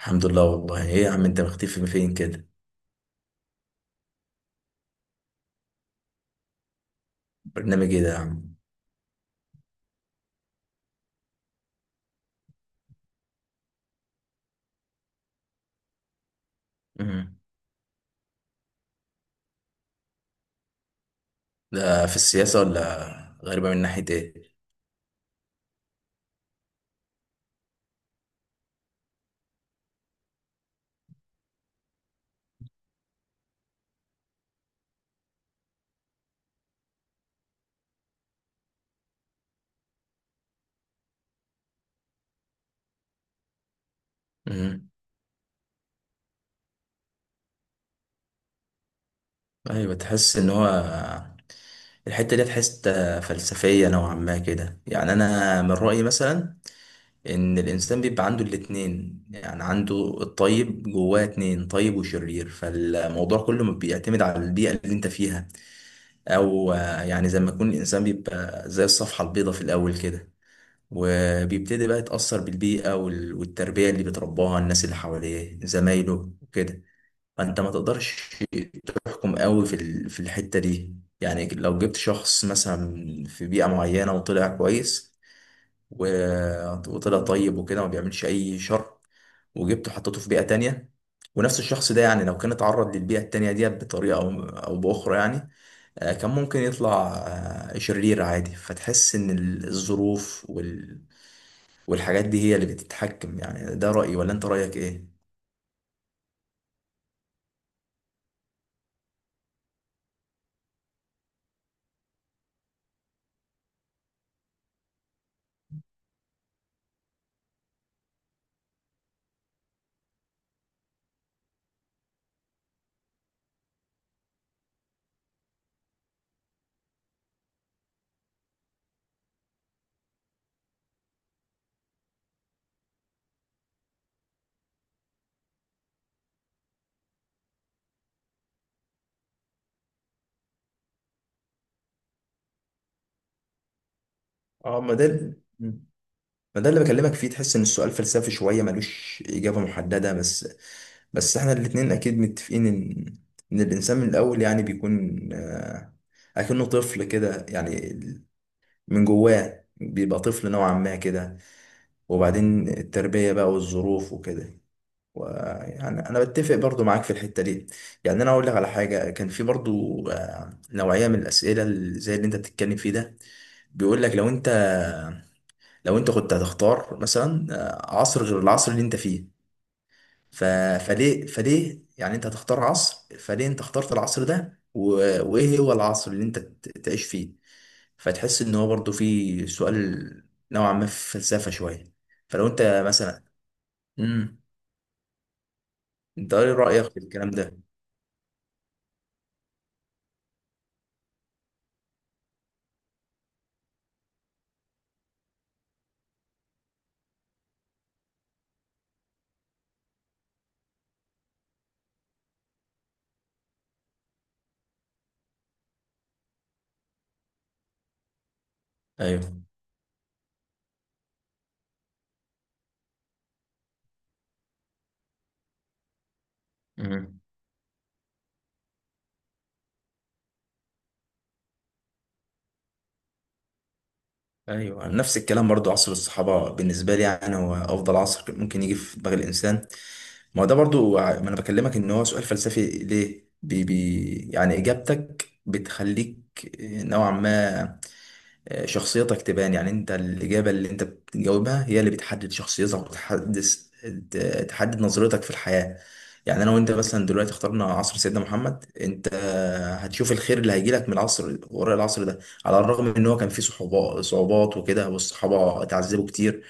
الحمد لله، والله ايه يا عم، انت مختفي من فين كده؟ برنامج ايه ده يا عم؟ مم. ده في السياسة ولا؟ غريبة من ناحية ايه؟ مم. ايوه، تحس ان هو الحتة دي تحس فلسفية نوعا ما كده. يعني انا من رأيي مثلا ان الانسان بيبقى عنده الاتنين، يعني عنده الطيب جواه، اتنين: طيب وشرير، فالموضوع كله بيعتمد على البيئة اللي انت فيها. او يعني زي ما يكون الانسان بيبقى زي الصفحة البيضاء في الاول كده، وبيبتدي بقى يتأثر بالبيئة والتربية اللي بيترباها، الناس اللي حواليه زمايله وكده. فأنت ما تقدرش تحكم قوي في الحتة دي. يعني لو جبت شخص مثلا في بيئة معينة وطلع كويس، وطلع طيب وكده ما بيعملش أي شر، وجبته حطيته في بيئة تانية، ونفس الشخص ده يعني لو كان اتعرض للبيئة التانية دي بطريقة أو بأخرى، يعني كان ممكن يطلع شرير عادي. فتحس إن الظروف والحاجات دي هي اللي بتتحكم. يعني ده رأيي، ولا انت رأيك ايه؟ اه ما ده ال- مم. ما ده اللي بكلمك فيه، تحس ان السؤال فلسفي شوية ملوش إجابة محددة، بس احنا الاتنين اكيد متفقين ان الانسان من الاول يعني بيكون اكنه طفل كده، يعني من جواه بيبقى طفل نوعا ما كده، وبعدين التربية بقى والظروف وكده، ويعني انا بتفق برضو معاك في الحته دي. يعني انا اقول لك على حاجه: كان في برضو نوعيه من الاسئله اللي زي اللي انت بتتكلم فيه ده، بيقول لك لو انت كنت هتختار مثلا عصر غير العصر اللي انت فيه، ف... فليه يعني انت هتختار عصر، فليه انت اخترت العصر ده وايه هو العصر اللي انت تعيش فيه؟ فتحس ان هو برضو في سؤال نوعا ما في فلسفه شويه. فلو انت مثلا. امم انت ايه رايك في الكلام ده؟ ايوه. مم. ايوه، نفس الكلام برضو، عصر الصحابه بالنسبه لي يعني هو افضل عصر ممكن يجي في دماغ الانسان. ما هو ده برضو ما انا بكلمك ان هو سؤال فلسفي، ليه؟ بي بي يعني اجابتك بتخليك نوعا ما شخصيتك تبان، يعني انت الإجابة اللي انت بتجاوبها هي اللي بتحدد شخصيتك وتحدد، تحدد نظرتك في الحياة. يعني انا وانت مثلا دلوقتي اخترنا عصر سيدنا محمد، انت هتشوف الخير اللي هيجيلك من العصر وراء العصر ده، على الرغم ان هو كان فيه صعوبات وكده والصحابة اتعذبوا كتير،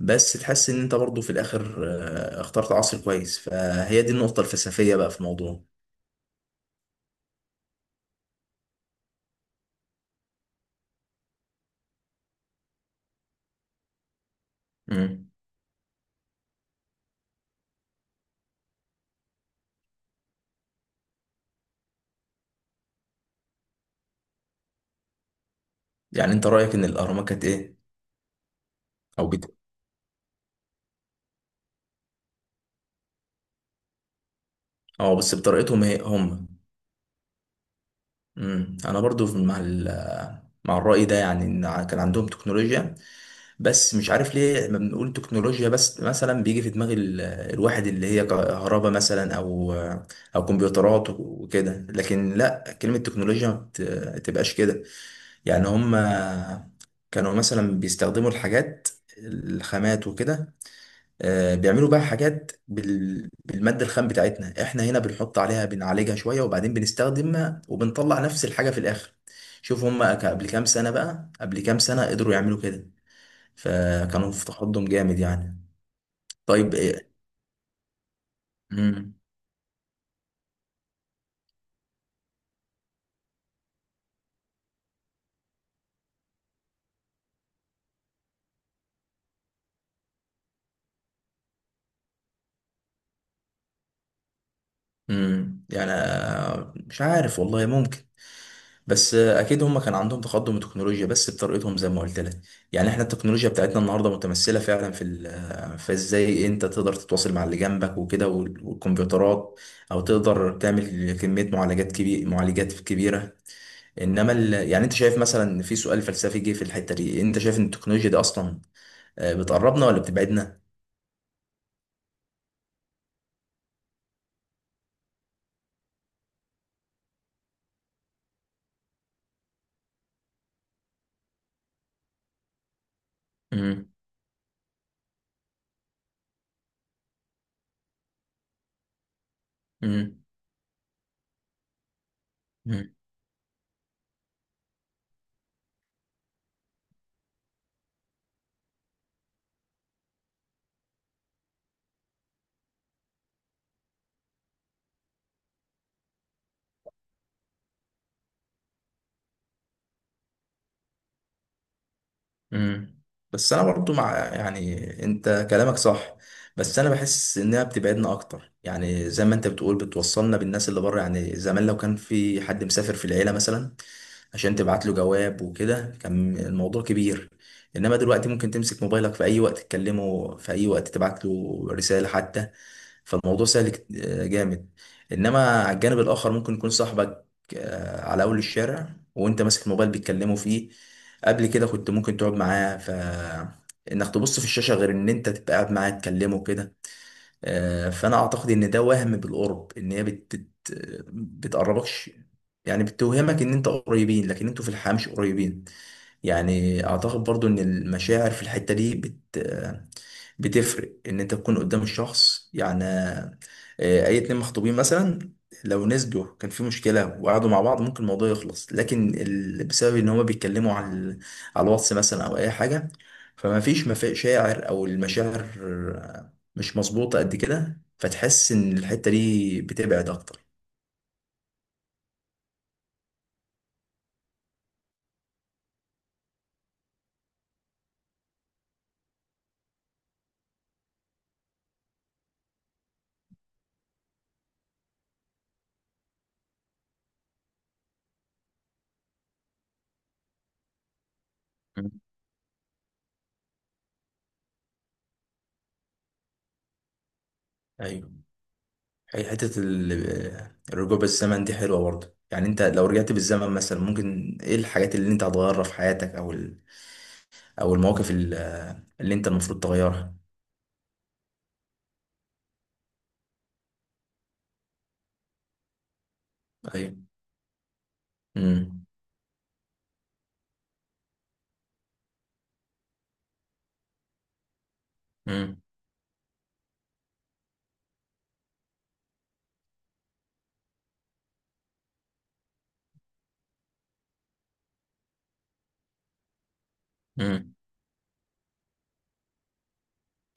بس تحس ان انت برضو في الاخر اخترت عصر كويس. فهي دي النقطة الفلسفية بقى في الموضوع. مم. يعني انت رأيك ان الاهرامات كانت ايه؟ او بت... اه، بس بطريقتهم هي هم. انا برضو مع الرأي ده، يعني ان كان عندهم تكنولوجيا. بس مش عارف ليه لما بنقول تكنولوجيا بس مثلا بيجي في دماغ الواحد اللي هي كهرباء مثلا، او او كمبيوترات وكده، لكن لا، كلمة تكنولوجيا ما تبقاش كده. يعني هم كانوا مثلا بيستخدموا الحاجات، الخامات وكده، بيعملوا بقى حاجات بالمادة الخام بتاعتنا، احنا هنا بنحط عليها بنعالجها شوية وبعدين بنستخدمها وبنطلع نفس الحاجة في الآخر. شوف هم قبل كام سنة قدروا يعملوا كده، فكانوا في تقدم جامد يعني. طيب إيه؟ مم. مم. يعني مش عارف والله، ممكن. بس اكيد هم كان عندهم تقدم تكنولوجيا بس بطريقتهم زي ما قلت لك. يعني احنا التكنولوجيا بتاعتنا النهارده متمثله فعلا في ازاي انت تقدر تتواصل مع اللي جنبك وكده، والكمبيوترات، او تقدر تعمل كميه معالجات كبيره. انما يعني انت شايف مثلا، في سؤال فلسفي جه في الحته دي، انت شايف ان التكنولوجيا دي اصلا بتقربنا ولا بتبعدنا؟ امم. امم. بس انا برضو مع، يعني انت كلامك صح، بس انا بحس انها بتبعدنا اكتر. يعني زي ما انت بتقول، بتوصلنا بالناس اللي بره، يعني زمان لو كان في حد مسافر في العيله مثلا عشان تبعت له جواب وكده كان الموضوع كبير، انما دلوقتي ممكن تمسك موبايلك في اي وقت تكلمه، في اي وقت تبعت له رساله حتى، فالموضوع سهل جامد. انما على الجانب الاخر ممكن يكون صاحبك على اول الشارع وانت ماسك الموبايل بتكلمه فيه، قبل كده كنت ممكن تقعد معاه، ف انك تبص في الشاشه غير ان انت تبقى قاعد معاه تكلمه كده. فانا اعتقد ان ده وهم بالقرب، ان هي بتقربكش، يعني بتوهمك ان انت قريبين لكن انتوا في الحقيقه مش قريبين. يعني اعتقد برضو ان المشاعر في الحته دي بتفرق، ان انت تكون قدام الشخص، يعني اي اتنين مخطوبين مثلا لو نسجوا كان في مشكلة وقعدوا مع بعض ممكن الموضوع يخلص، لكن بسبب ان هما بيتكلموا على الواتس مثلا او اي حاجة، فما فيش مشاعر، او المشاعر مش مظبوطة قد كده، فتحس ان الحتة دي بتبعد اكتر. مم. ايوه، هي حتة الرجوع بالزمن دي حلوة برضه، يعني انت لو رجعت بالزمن مثلا ممكن ايه الحاجات اللي انت هتغيرها في حياتك؟ او، او المواقف اللي انت المفروض تغيرها. ايوه. امم. امم. امم.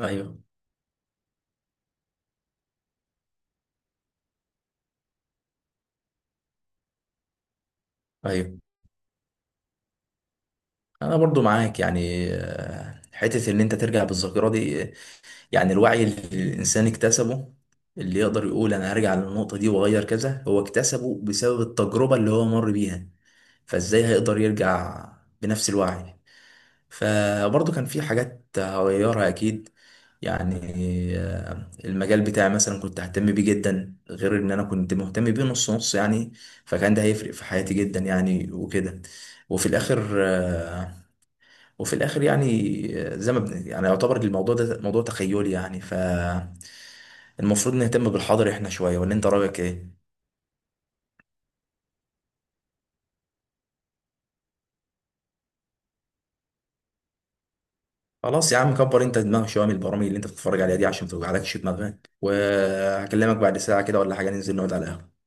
ايوه. ايوه، انا برضو معاك. يعني حته ان انت ترجع بالذاكره دي، يعني الوعي اللي الانسان اكتسبه، اللي يقدر يقول انا هرجع للنقطه دي واغير كذا، هو اكتسبه بسبب التجربه اللي هو مر بيها، فازاي هيقدر يرجع بنفس الوعي. فبرضه كان في حاجات هغيرها اكيد. يعني المجال بتاعي مثلا كنت ههتم بيه جدا، غير ان انا كنت مهتم بيه نص نص يعني، فكان ده هيفرق في حياتي جدا يعني وكده. وفي الاخر وفي الاخر يعني زي ما يعني يعتبر الموضوع ده موضوع تخيلي يعني، فالمفروض نهتم بالحاضر احنا شوية، ولا انت رايك ايه؟ خلاص يا عم، كبر انت دماغك شويه من البرامج اللي انت بتتفرج عليها دي عشان ما توجعلكش دماغك، وهكلمك بعد ساعه كده ولا حاجه، ننزل نقعد على القهوه.